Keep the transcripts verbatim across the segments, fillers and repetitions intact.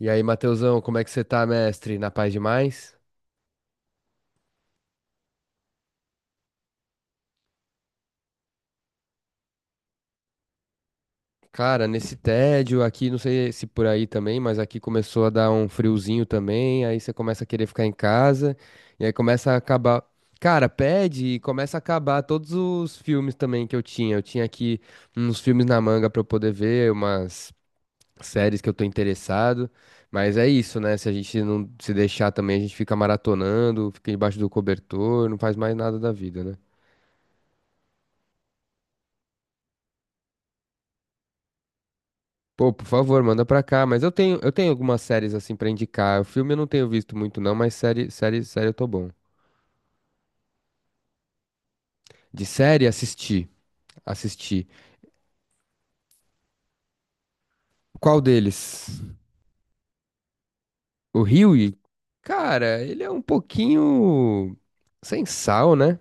E aí, Matheusão, como é que você tá, mestre? Na paz demais? Cara, nesse tédio aqui, não sei se por aí também, mas aqui começou a dar um friozinho também, aí você começa a querer ficar em casa, e aí começa a acabar. Cara, pede e começa a acabar todos os filmes também que eu tinha. Eu tinha aqui uns filmes na manga pra eu poder ver, umas séries que eu tô interessado. Mas é isso, né? Se a gente não se deixar também, a gente fica maratonando, fica embaixo do cobertor, não faz mais nada da vida, né? Pô, por favor, manda pra cá. Mas eu tenho, eu tenho algumas séries assim pra indicar. O filme eu não tenho visto muito, não, mas série, série, série eu tô bom. De série, assisti. Assisti. Qual deles? O Hughie? Cara, ele é um pouquinho sem sal, né?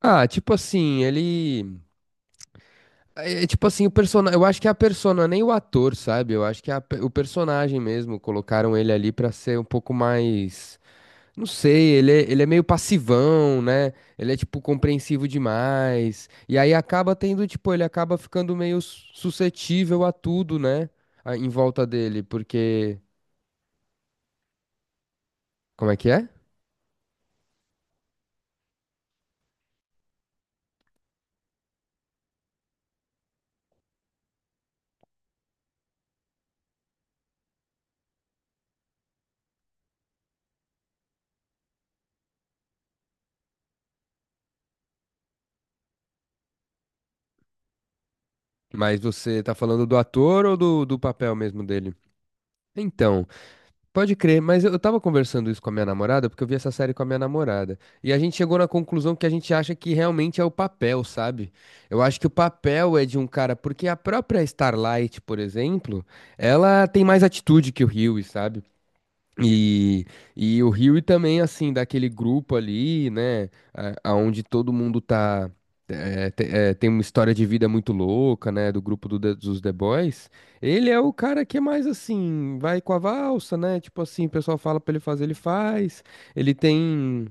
Ah, tipo assim, ele. É é tipo assim, o personagem. Eu acho que é a persona, nem o ator, sabe? Eu acho que é a pe- o personagem mesmo. Colocaram ele ali pra ser um pouco mais. Não sei, ele é, ele é meio passivão, né? Ele é, tipo, compreensivo demais. E aí acaba tendo, tipo, ele acaba ficando meio sus- suscetível a tudo, né? A- Em volta dele, porque. Como é que é? Mas você tá falando do ator ou do, do papel mesmo dele? Então. Pode crer, mas eu eu tava conversando isso com a minha namorada, porque eu vi essa série com a minha namorada. E a gente chegou na conclusão que a gente acha que realmente é o papel, sabe? Eu acho que o papel é de um cara, porque a própria Starlight, por exemplo, ela tem mais atitude que o Hughie, sabe? E, e o Rio também, assim, daquele grupo ali, né, a- aonde todo mundo tá, é, te- é, tem uma história de vida muito louca, né, do grupo do The- dos The Boys, ele é o cara que é mais assim, vai com a valsa, né, tipo assim, o pessoal fala pra ele fazer, ele faz, ele tem...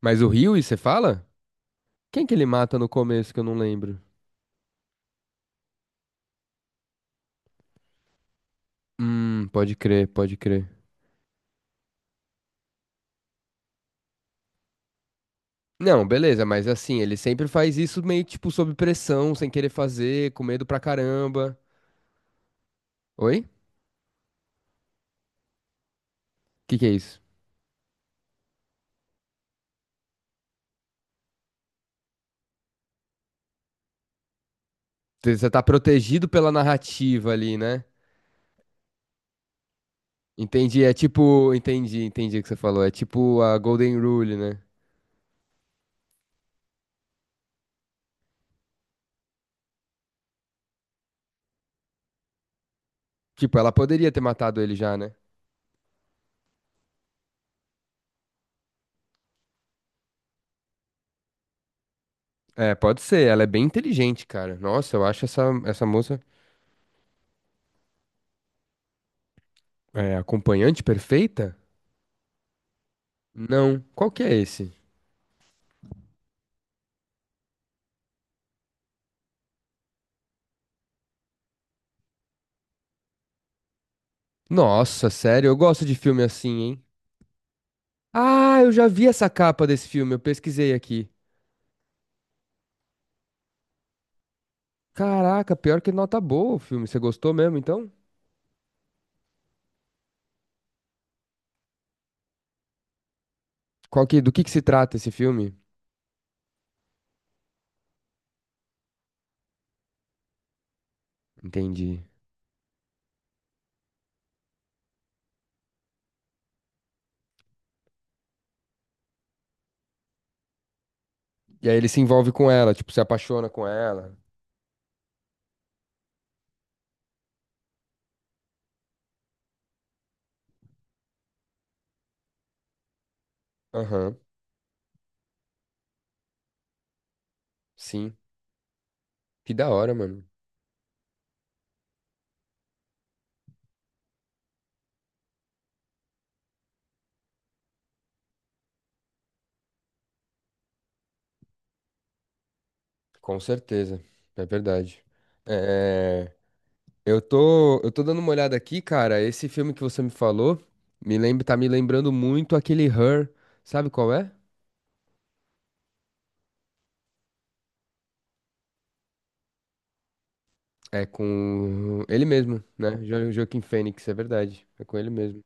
Mas o Rio, e você fala? Quem que ele mata no começo que eu não lembro? Hum, pode crer, pode crer. Não, beleza, mas assim, ele sempre faz isso meio tipo sob pressão, sem querer fazer, com medo pra caramba. Oi? O que que é isso? Você tá protegido pela narrativa ali, né? Entendi, é tipo, entendi, entendi o que você falou. É tipo a Golden Rule, né? Tipo, ela poderia ter matado ele já, né? É, pode ser, ela é bem inteligente, cara. Nossa, eu acho essa, essa moça é, acompanhante perfeita? Não. Qual que é esse? Nossa, sério, eu gosto de filme assim, hein? Ah, eu já vi essa capa desse filme, eu pesquisei aqui. Caraca, pior que nota boa o filme. Você gostou mesmo, então? Qual que, do que que se trata esse filme? Entendi. E aí ele se envolve com ela, tipo, se apaixona com ela. Aham, sim. Que da hora, mano. Com certeza. É verdade. É, eu tô, eu tô dando uma olhada aqui, cara. Esse filme que você me falou me lembra, tá me lembrando muito aquele Her. Sabe qual é? É com ele mesmo, né? Jo- Joaquin Phoenix, é verdade. É com ele mesmo.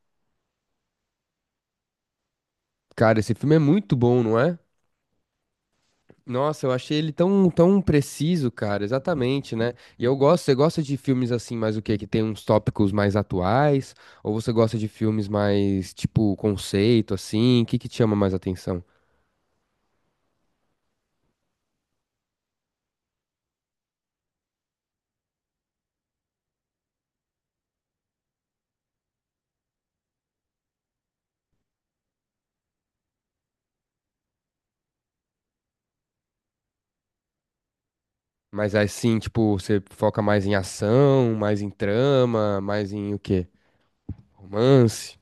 Cara, esse filme é muito bom, não é? Nossa, eu achei ele tão, tão preciso, cara, exatamente, né? E eu gosto, você gosta de filmes assim, mais o quê? Que tem uns tópicos mais atuais? Ou você gosta de filmes mais, tipo, conceito, assim? O que que te chama mais atenção? Mas assim, tipo, você foca mais em ação, mais em trama, mais em o quê? Romance?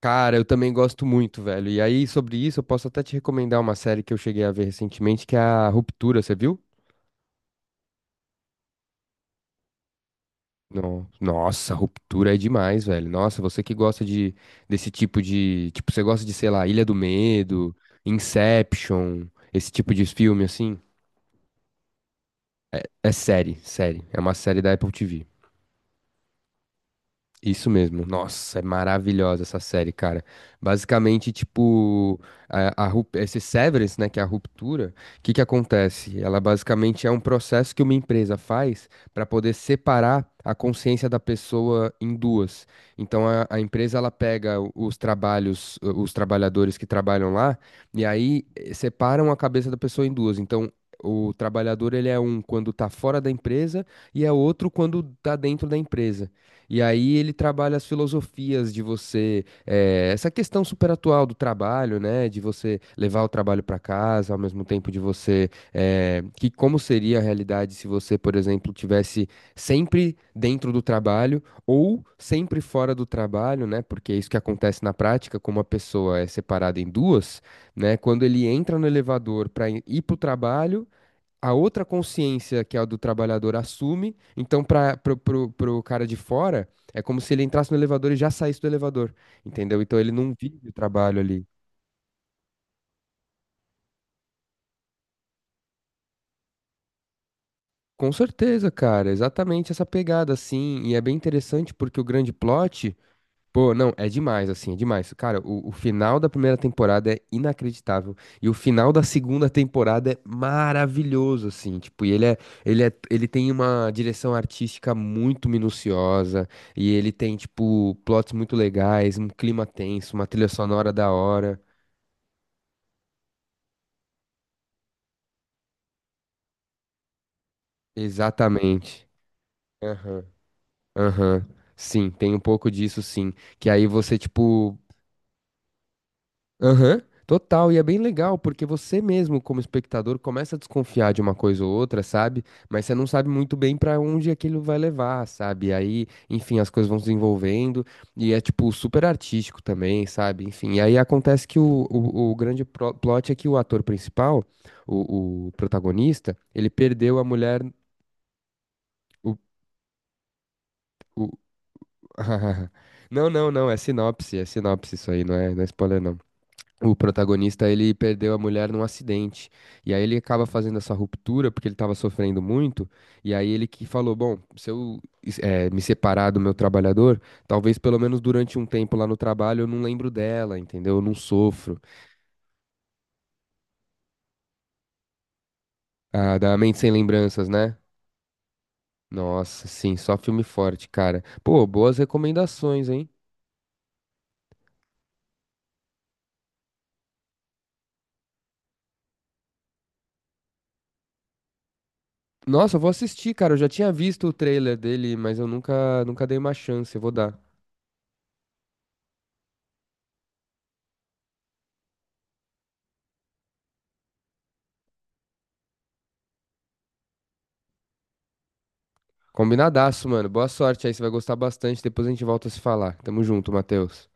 Cara, eu também gosto muito, velho. E aí, sobre isso, eu posso até te recomendar uma série que eu cheguei a ver recentemente, que é a Ruptura, você viu? No- Nossa, ruptura é demais, velho. Nossa, você que gosta de desse tipo de, tipo, você gosta de, sei lá, Ilha do Medo, Inception, esse tipo de filme assim? É série, série. É uma série da Apple T V. Isso mesmo. Nossa, é maravilhosa essa série, cara. Basicamente, tipo, a, a rup- esse severance, né, que é a ruptura, o que que acontece? Ela basicamente é um processo que uma empresa faz para poder separar a consciência da pessoa em duas. Então, a, a empresa ela pega o- os trabalhos, o- os trabalhadores que trabalham lá, e aí eh, separam a cabeça da pessoa em duas. Então, o trabalhador, ele é um quando tá fora da empresa e é outro quando tá dentro da empresa. E aí ele trabalha as filosofias de você, eh, essa questão super atual do trabalho, né? De você levar o trabalho para casa, ao mesmo tempo de você, eh, que como seria a realidade se você, por exemplo, tivesse sempre dentro do trabalho ou sempre fora do trabalho, né? Porque é isso que acontece na prática, como a pessoa é separada em duas, né? Quando ele entra no elevador para ir para o trabalho a outra consciência, que é a do trabalhador, assume. Então, para pro, pro, pro cara de fora, é como se ele entrasse no elevador e já saísse do elevador, entendeu? Então, ele não vive o trabalho ali. Com certeza, cara, exatamente essa pegada, assim. E é bem interessante porque o grande plot pô, não, é demais, assim, é demais. Cara, o, o final da primeira temporada é inacreditável. E o final da segunda temporada é maravilhoso, assim. Tipo, e ele é, ele é, ele tem uma direção artística muito minuciosa. E ele tem, tipo, plots muito legais, um clima tenso, uma trilha sonora da hora. Exatamente. Aham, aham. Sim, tem um pouco disso, sim. Que aí você, tipo, aham, total. E é bem legal, porque você mesmo, como espectador, começa a desconfiar de uma coisa ou outra, sabe? Mas você não sabe muito bem pra onde aquilo vai levar, sabe? Aí, enfim, as coisas vão se desenvolvendo e é, tipo, super artístico também, sabe? Enfim, e aí acontece que o, o, o grande pro- plot é que o ator principal, o, o protagonista, ele perdeu a mulher. O, o... Não, não, não, é sinopse, é sinopse isso aí, não é, não é spoiler. O protagonista, ele perdeu a mulher num acidente. E aí ele acaba fazendo essa ruptura porque ele estava sofrendo muito. E aí ele que falou: bom, se eu es- eh, me separar do meu trabalhador, talvez pelo menos durante um tempo lá no trabalho eu não lembro dela, entendeu? Eu não sofro. Ah, da Mente Sem Lembranças, né? Nossa, sim, só filme forte, cara. Pô, boas recomendações, hein? Nossa, eu vou assistir, cara. Eu já tinha visto o trailer dele, mas eu nunca, nunca dei uma chance. Eu vou dar. Combinadaço, mano. Boa sorte aí, você vai gostar bastante. Depois a gente volta a se falar. Tamo junto, Matheus.